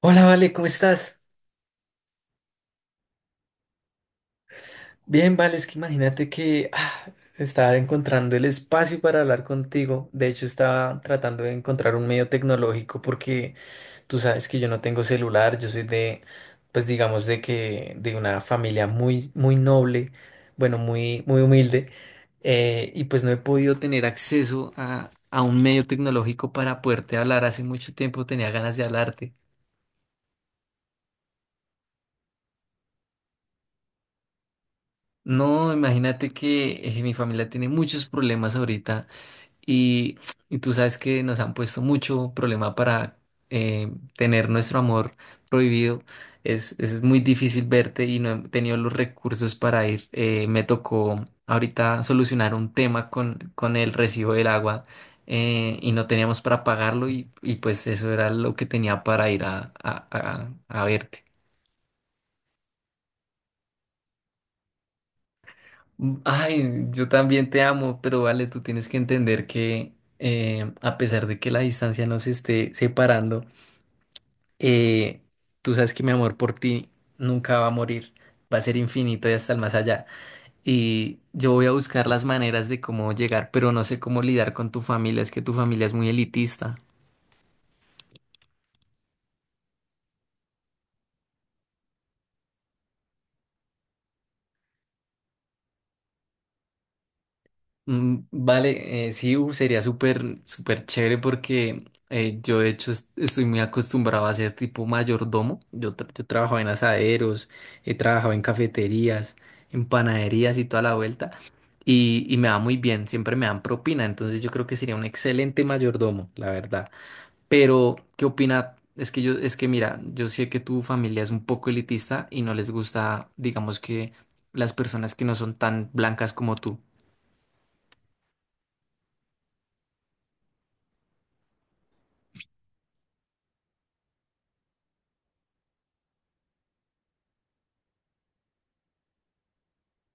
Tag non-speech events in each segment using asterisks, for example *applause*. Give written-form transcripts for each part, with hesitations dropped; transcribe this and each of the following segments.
Hola, Vale, ¿cómo estás? Bien, Vale, es que imagínate que estaba encontrando el espacio para hablar contigo. De hecho, estaba tratando de encontrar un medio tecnológico porque tú sabes que yo no tengo celular, yo soy de, pues digamos, de una familia muy, muy noble, bueno, muy, muy humilde, y pues no he podido tener acceso a un medio tecnológico para poderte hablar. Hace mucho tiempo tenía ganas de hablarte. No, imagínate que mi familia tiene muchos problemas ahorita. Y, y tú sabes que nos han puesto mucho problema para tener nuestro amor prohibido. Es muy difícil verte y no he tenido los recursos para ir. Me tocó ahorita solucionar un tema con el recibo del agua, y no teníamos para pagarlo y pues eso era lo que tenía para ir a verte. Mm, ay, yo también te amo, pero vale, tú tienes que entender que a pesar de que la distancia nos esté separando, eh, tú sabes que mi amor por ti nunca va a morir, va a ser infinito y hasta el más allá. Y yo voy a buscar las maneras de cómo llegar, pero no sé cómo lidiar con tu familia, es que tu familia es muy elitista. Mm, vale, sí, uf, sería súper, súper chévere porque yo de hecho estoy muy acostumbrado a ser tipo mayordomo. Yo, yo trabajaba en asaderos, he trabajado en cafeterías, en panaderías y toda la vuelta. Y me va muy bien, siempre me dan propina, entonces yo creo que sería un excelente mayordomo, la verdad. Pero, ¿qué opina? Es que yo, es que mira, yo sé que tu familia es un poco elitista y no les gusta, digamos que, las personas que no son tan blancas como tú.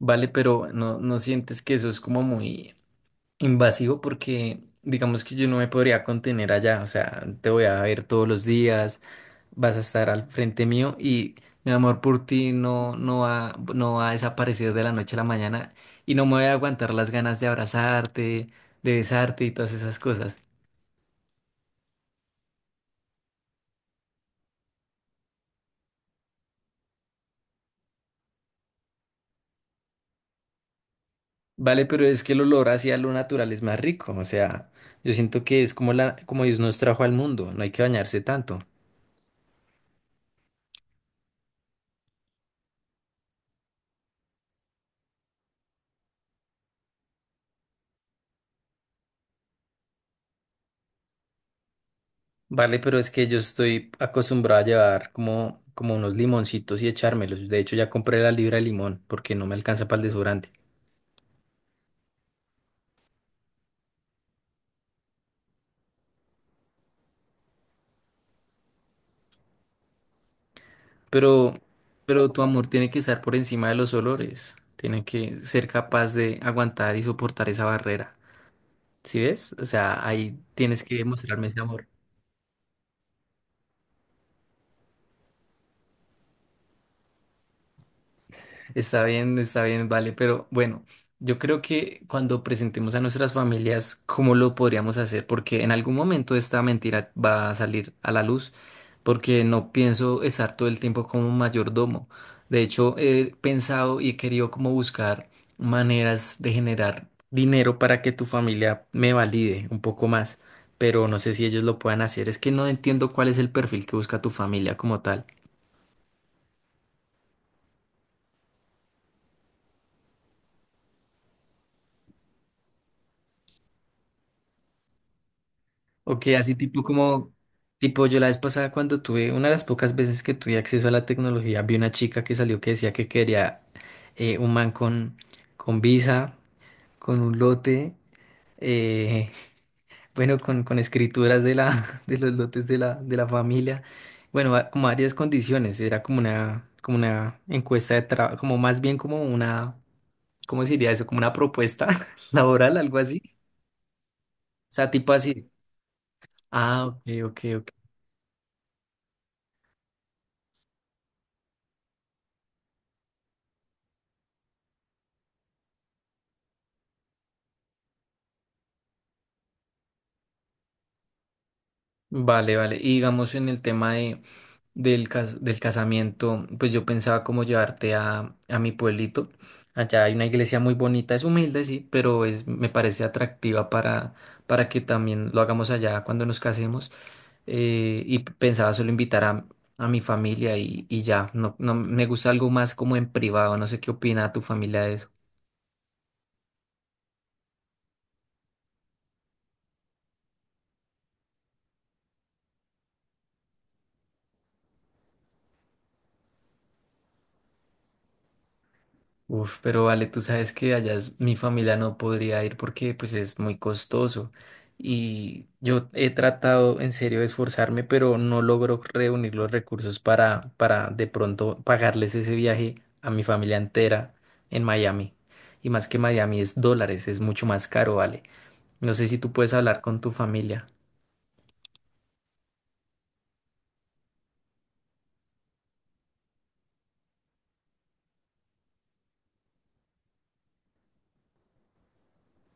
Vale, pero no, no sientes que eso es como muy invasivo porque digamos que yo no me podría contener allá, o sea, te voy a ver todos los días, vas a estar al frente mío y mi amor por ti no, no va, no va a desaparecer de la noche a la mañana y no me voy a aguantar las ganas de abrazarte, de besarte y todas esas cosas. Vale, pero es que el olor hacia lo natural es más rico, o sea, yo siento que es como la, como Dios nos trajo al mundo, no hay que bañarse tanto. Vale, pero es que yo estoy acostumbrado a llevar como, como unos limoncitos y echármelos. De hecho, ya compré la libra de limón porque no me alcanza para el desodorante. Pero, pero tu amor tiene que estar por encima de los olores. Tiene que ser capaz de aguantar y soportar esa barrera. ¿Sí ves? O sea, ahí tienes que demostrarme ese amor. Está bien, vale, pero bueno, yo creo que cuando presentemos a nuestras familias, ¿cómo lo podríamos hacer? Porque en algún momento esta mentira va a salir a la luz, porque no pienso estar todo el tiempo como mayordomo. De hecho, he pensado y he querido como buscar maneras de generar dinero para que tu familia me valide un poco más, pero no sé si ellos lo puedan hacer. Es que no entiendo cuál es el perfil que busca tu familia como tal. Ok, así tipo como, tipo yo la vez pasada cuando tuve, una de las pocas veces que tuve acceso a la tecnología, vi una chica que salió que decía que quería un man con visa, con un lote, eh, *laughs* bueno, con escrituras de la, *laughs* de los lotes de la familia, bueno, como varias condiciones, era como una encuesta de trabajo, como más bien como una, ¿cómo se diría eso? Como una propuesta *laughs* laboral, algo así, o sea, tipo así. Ah, ok, ok, ok. Vale, vale. Y digamos en el tema de, del, del casamiento, pues yo pensaba como llevarte a mi pueblito. Allá hay una iglesia muy bonita, es humilde, sí, pero es, me parece atractiva para que también lo hagamos allá cuando nos casemos. Y pensaba solo invitar a mi familia y ya. No, no me gusta algo más como en privado. No sé qué opina tu familia de eso. Uf, pero vale, tú sabes que allá mi familia no podría ir porque pues es muy costoso. Y yo he tratado en serio de esforzarme, pero no logro reunir los recursos para de pronto pagarles ese viaje a mi familia entera en Miami. Y más que Miami es dólares, es mucho más caro, vale. No sé si tú puedes hablar con tu familia.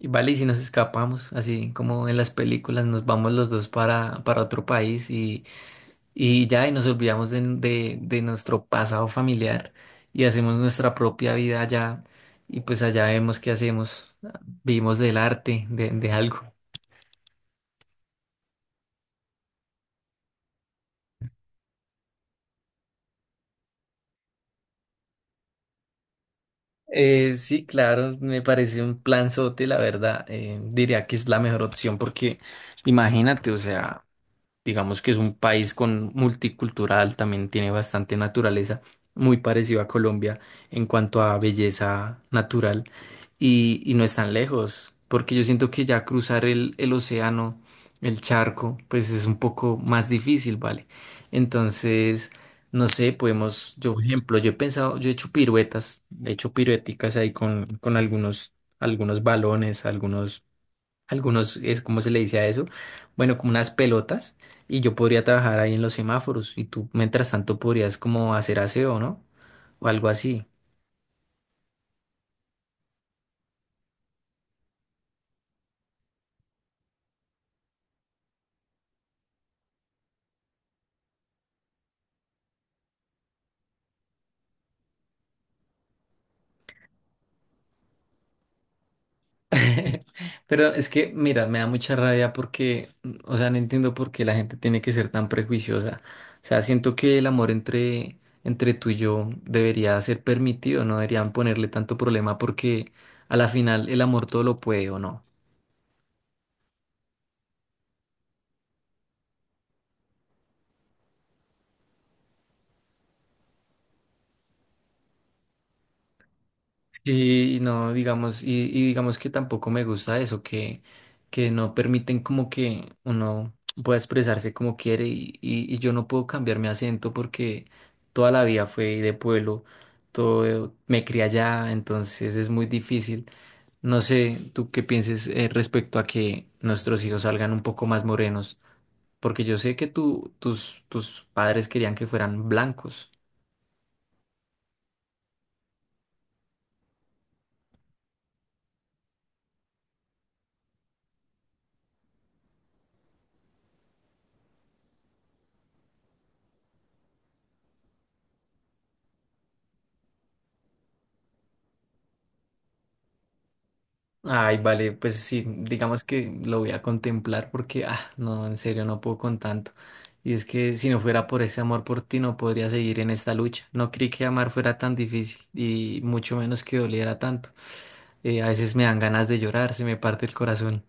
Y vale, y si nos escapamos, así como en las películas, nos vamos los dos para otro país. Y ya, y nos olvidamos de, de nuestro pasado familiar y hacemos nuestra propia vida allá. Y pues allá vemos qué hacemos. Vivimos del arte, de algo. Sí, claro, me parece un plan planzote, la verdad. Diría que es la mejor opción porque imagínate, o sea, digamos que es un país con multicultural, también tiene bastante naturaleza, muy parecido a Colombia en cuanto a belleza natural y no es tan lejos, porque yo siento que ya cruzar el océano, el charco, pues es un poco más difícil, ¿vale? Entonces, no sé, podemos, yo, por ejemplo, yo he pensado, yo he hecho piruetas, he hecho pirueticas ahí con algunos, algunos balones, algunos es como se le dice a eso, bueno, como unas pelotas, y yo podría trabajar ahí en los semáforos y tú mientras tanto podrías como hacer aseo, ¿no? O algo así. *laughs* Pero es que, mira, me da mucha rabia porque, mm, o sea, no entiendo por qué la gente tiene que ser tan prejuiciosa. O sea, siento que el amor entre, entre tú y yo debería ser permitido, no deberían ponerle tanto problema porque a la final el amor todo lo puede o no. Sí, y no, digamos, y digamos que tampoco me gusta eso, que no permiten como que uno pueda expresarse como quiere y yo no puedo cambiar mi acento porque toda la vida fue de pueblo, todo me crié allá, entonces es muy difícil. No sé, tú qué pienses, respecto a que nuestros hijos salgan un poco más morenos, porque yo sé que tú, tus, tus padres querían que fueran blancos. Ay, vale, pues sí, digamos que lo voy a contemplar porque, ah, no, en serio, no puedo con tanto. Y es que si no fuera por ese amor por ti, no podría seguir en esta lucha. No creí que amar fuera tan difícil y mucho menos que doliera tanto. A veces me dan ganas de llorar, se me parte el corazón.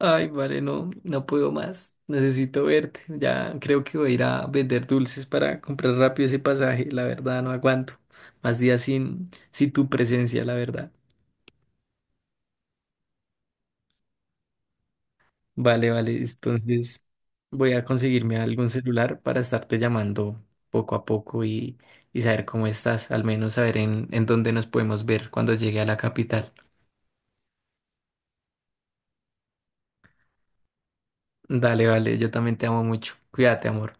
Ay, vale, no, no puedo más. Necesito verte. Ya creo que voy a ir a vender dulces para comprar rápido ese pasaje. La verdad, no aguanto. Más días sin, sin tu presencia, la verdad. Vale, vale. Entonces voy a conseguirme algún celular para estarte llamando poco a poco y saber cómo estás, al menos saber en dónde nos podemos ver cuando llegue a la capital. Dale, vale. Yo también te amo mucho. Cuídate, amor.